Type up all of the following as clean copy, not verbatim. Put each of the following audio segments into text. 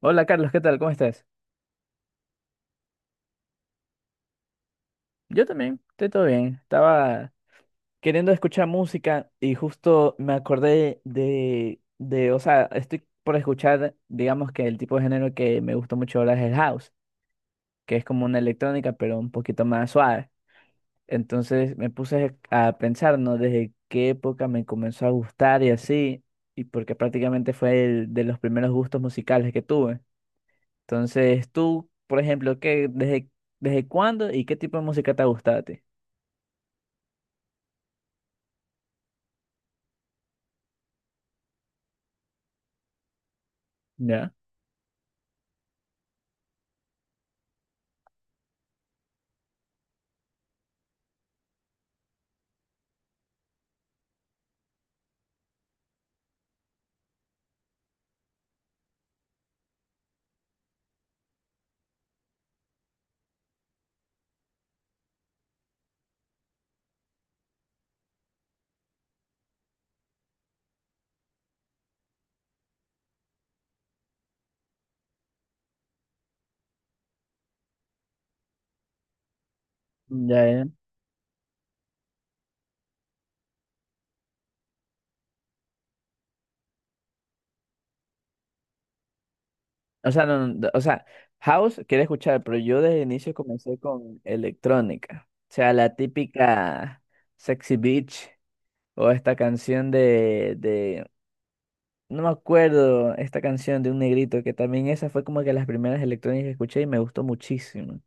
Hola Carlos, ¿qué tal? ¿Cómo estás? Yo también, estoy todo bien. Estaba queriendo escuchar música y justo me acordé o sea, estoy por escuchar, digamos que el tipo de género que me gusta mucho ahora es el house, que es como una electrónica, pero un poquito más suave. Entonces me puse a pensar, ¿no? Desde qué época me comenzó a gustar y así, y porque prácticamente fue el de los primeros gustos musicales que tuve. Entonces, tú, por ejemplo, ¿desde cuándo y qué tipo de música te ha gustado a ti? Ya, ya, ya. O sea, no, no, o sea, house quiere escuchar, pero yo desde el inicio comencé con electrónica. O sea, la típica Sexy Beach o esta canción no me acuerdo, esta canción de un negrito que también esa fue como que las primeras electrónicas que escuché y me gustó muchísimo.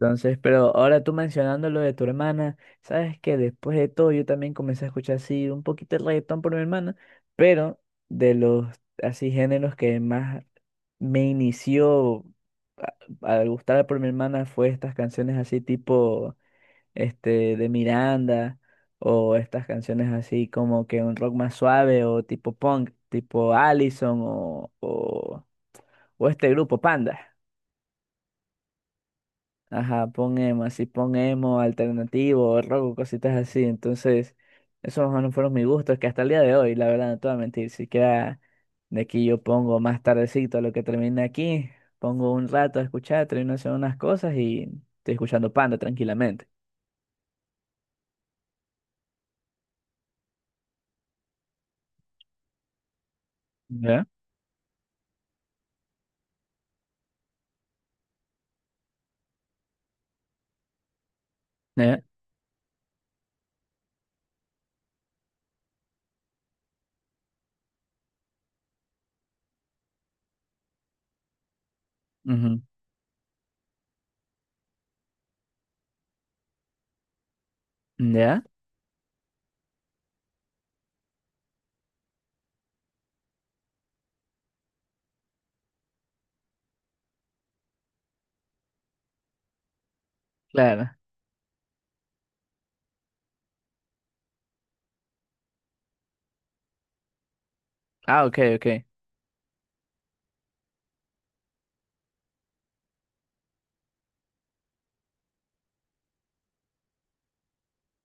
Entonces, pero ahora tú mencionando lo de tu hermana, sabes que después de todo yo también comencé a escuchar así un poquito el reggaetón por mi hermana, pero de los así géneros que más me inició a- al gustar por mi hermana fue estas canciones así tipo este de Miranda o estas canciones así como que un rock más suave o tipo punk, tipo Allison o este grupo Panda. Ajá, pon emo, así pon emo, alternativo, rock, cositas así. Entonces, esos más o menos fueron mis gustos, que hasta el día de hoy, la verdad, no te voy a mentir, si queda de aquí yo pongo más tardecito a lo que termine aquí, pongo un rato a escuchar, termino haciendo unas cosas y estoy escuchando Panda tranquilamente. ¿Ya? ¿Ya? Ujú. ¿Ya? Claro. Ah, ok, ok.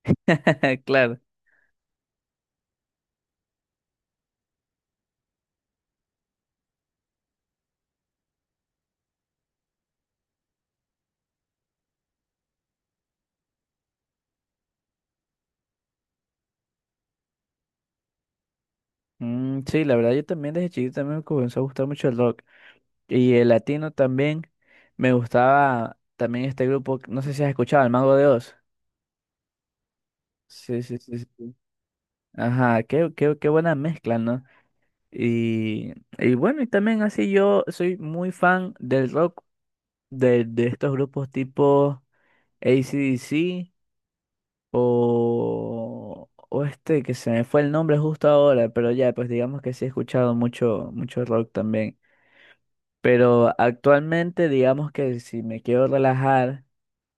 Claro. Mm, sí, la verdad, yo también desde chiquito también me comenzó a gustar mucho el rock. Y el latino también. Me gustaba también este grupo, no sé si has escuchado, El Mago de Oz. Sí, sí, sí, sí. Ajá, qué buena mezcla, ¿no? Y, y bueno, y también así yo soy muy fan del rock, de estos grupos tipo AC/DC o este que se me fue el nombre justo ahora, pero ya, pues digamos que sí he escuchado mucho, mucho rock también. Pero actualmente digamos que si me quiero relajar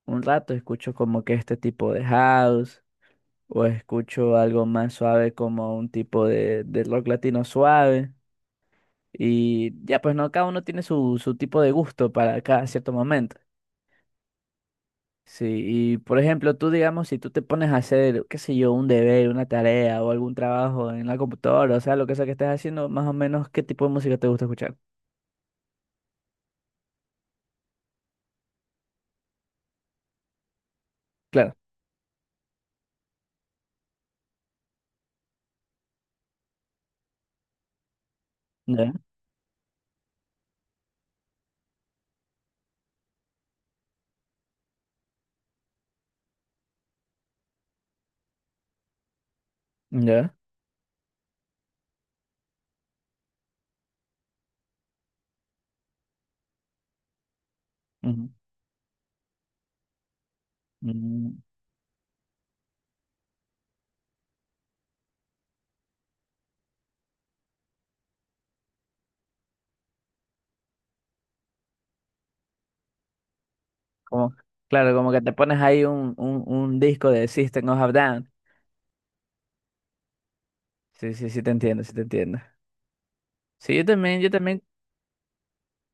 un rato escucho como que este tipo de house o escucho algo más suave como un tipo de rock latino suave y ya pues no, cada uno tiene su, su tipo de gusto para cada cierto momento. Sí, y por ejemplo, tú digamos, si tú te pones a hacer, qué sé yo, un deber, una tarea o algún trabajo en la computadora, o sea, lo que sea que estés haciendo, más o menos, ¿qué tipo de música te gusta escuchar? Claro. Ya, ya. Ujú. Mm. Como, claro, como que te pones ahí un disco de System of a Down. Sí, sí, sí te entiendo, sí te entiendo. Sí, yo también, yo también,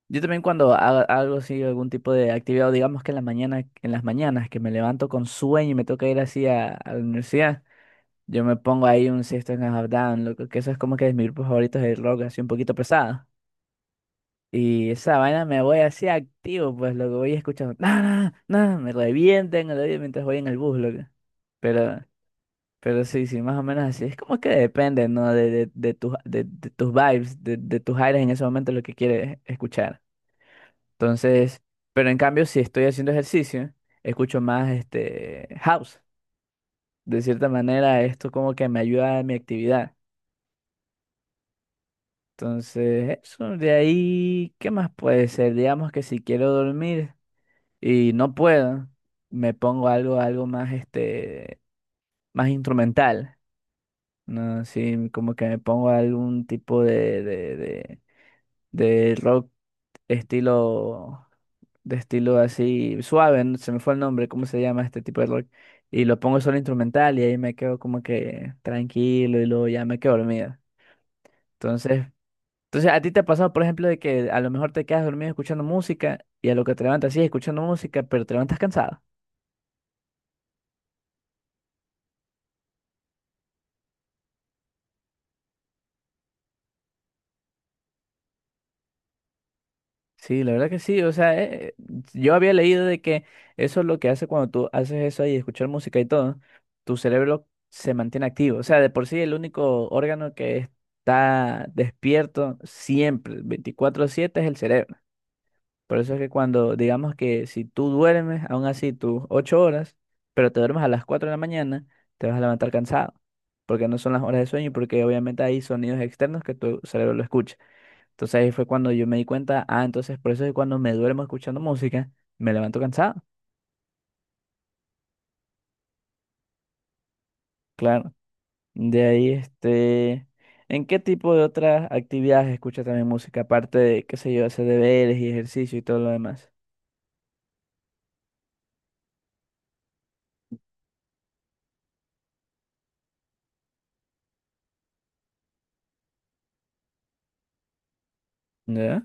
yo también cuando haga algo así, algún tipo de actividad, o digamos que en la mañana, en las mañanas que me levanto con sueño y me toca ir así a la universidad, yo me pongo ahí un System of a Down, loco, que eso es como que es mi grupo favorito de rock, así un poquito pesado. Y esa vaina me voy así activo, pues lo que voy escuchando, nada, nada, me revienten el oído mientras voy en el bus, loco. Pero Pero sí, sí, más o menos así. Es como que depende, ¿no? De, de tus vibes, de tus aires en ese momento, lo que quieres escuchar. Entonces, pero en cambio, si estoy haciendo ejercicio, escucho más este house. De cierta manera, esto como que me ayuda a mi actividad. Entonces, eso de ahí, ¿qué más puede ser? Digamos que si quiero dormir y no puedo, me pongo algo, algo más, este, más instrumental. No, sí, como que me pongo algún tipo de rock estilo, de estilo así suave, no- se me fue el nombre, ¿cómo se llama este tipo de rock? Y lo pongo solo instrumental y ahí me quedo como que tranquilo y luego ya me quedo dormida. Entonces, entonces ¿a ti te ha pasado, por ejemplo, de que a lo mejor te quedas dormido escuchando música y a lo que te levantas sí escuchando música, pero te levantas cansado? Sí, la verdad que sí, o sea, yo había leído de que eso es lo que hace cuando tú haces eso ahí, escuchar música y todo, tu cerebro se mantiene activo, o sea, de por sí el único órgano que está despierto siempre, 24/7 es el cerebro. Por eso es que cuando, digamos que si tú duermes, aún así tus 8 horas, pero te duermes a las 4 de la mañana, te vas a levantar cansado, porque no son las horas de sueño y porque obviamente hay sonidos externos que tu cerebro lo escucha. Entonces ahí fue cuando yo me di cuenta, ah, entonces por eso es que cuando me duermo escuchando música, me levanto cansado. Claro. De ahí, este, ¿en qué tipo de otras actividades escuchas también música? Aparte de, qué sé yo, hacer deberes y ejercicio y todo lo demás. ¿Ya?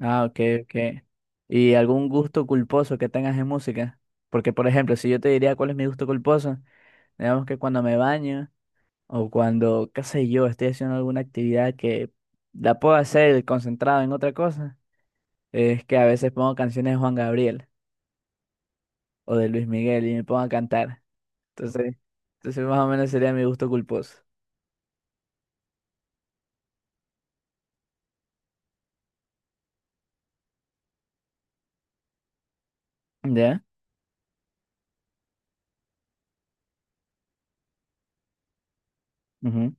Ah, ok, ok. ¿Y algún gusto culposo que tengas en música? Porque, por ejemplo, si yo te diría cuál es mi gusto culposo, digamos que cuando me baño o cuando, qué sé yo, estoy haciendo alguna actividad que la puedo hacer concentrado en otra cosa. Es que a veces pongo canciones de Juan Gabriel o de Luis Miguel y me pongo a cantar. Entonces, entonces más o menos sería mi gusto culposo. ¿Ya? Ujú.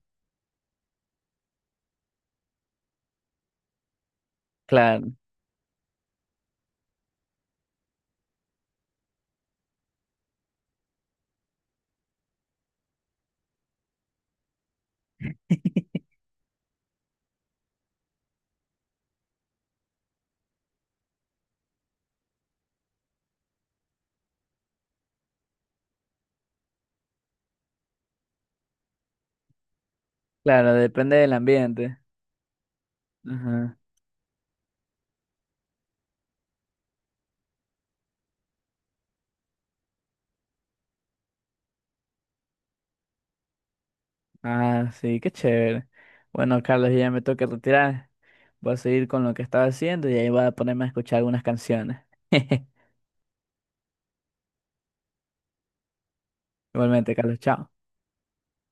Claro, claro, depende del ambiente. Ajá. Ah, sí, qué chévere. Bueno, Carlos, ya me toca retirar. Voy a seguir con lo que estaba haciendo y ahí voy a ponerme a escuchar algunas canciones. Igualmente, Carlos, chao.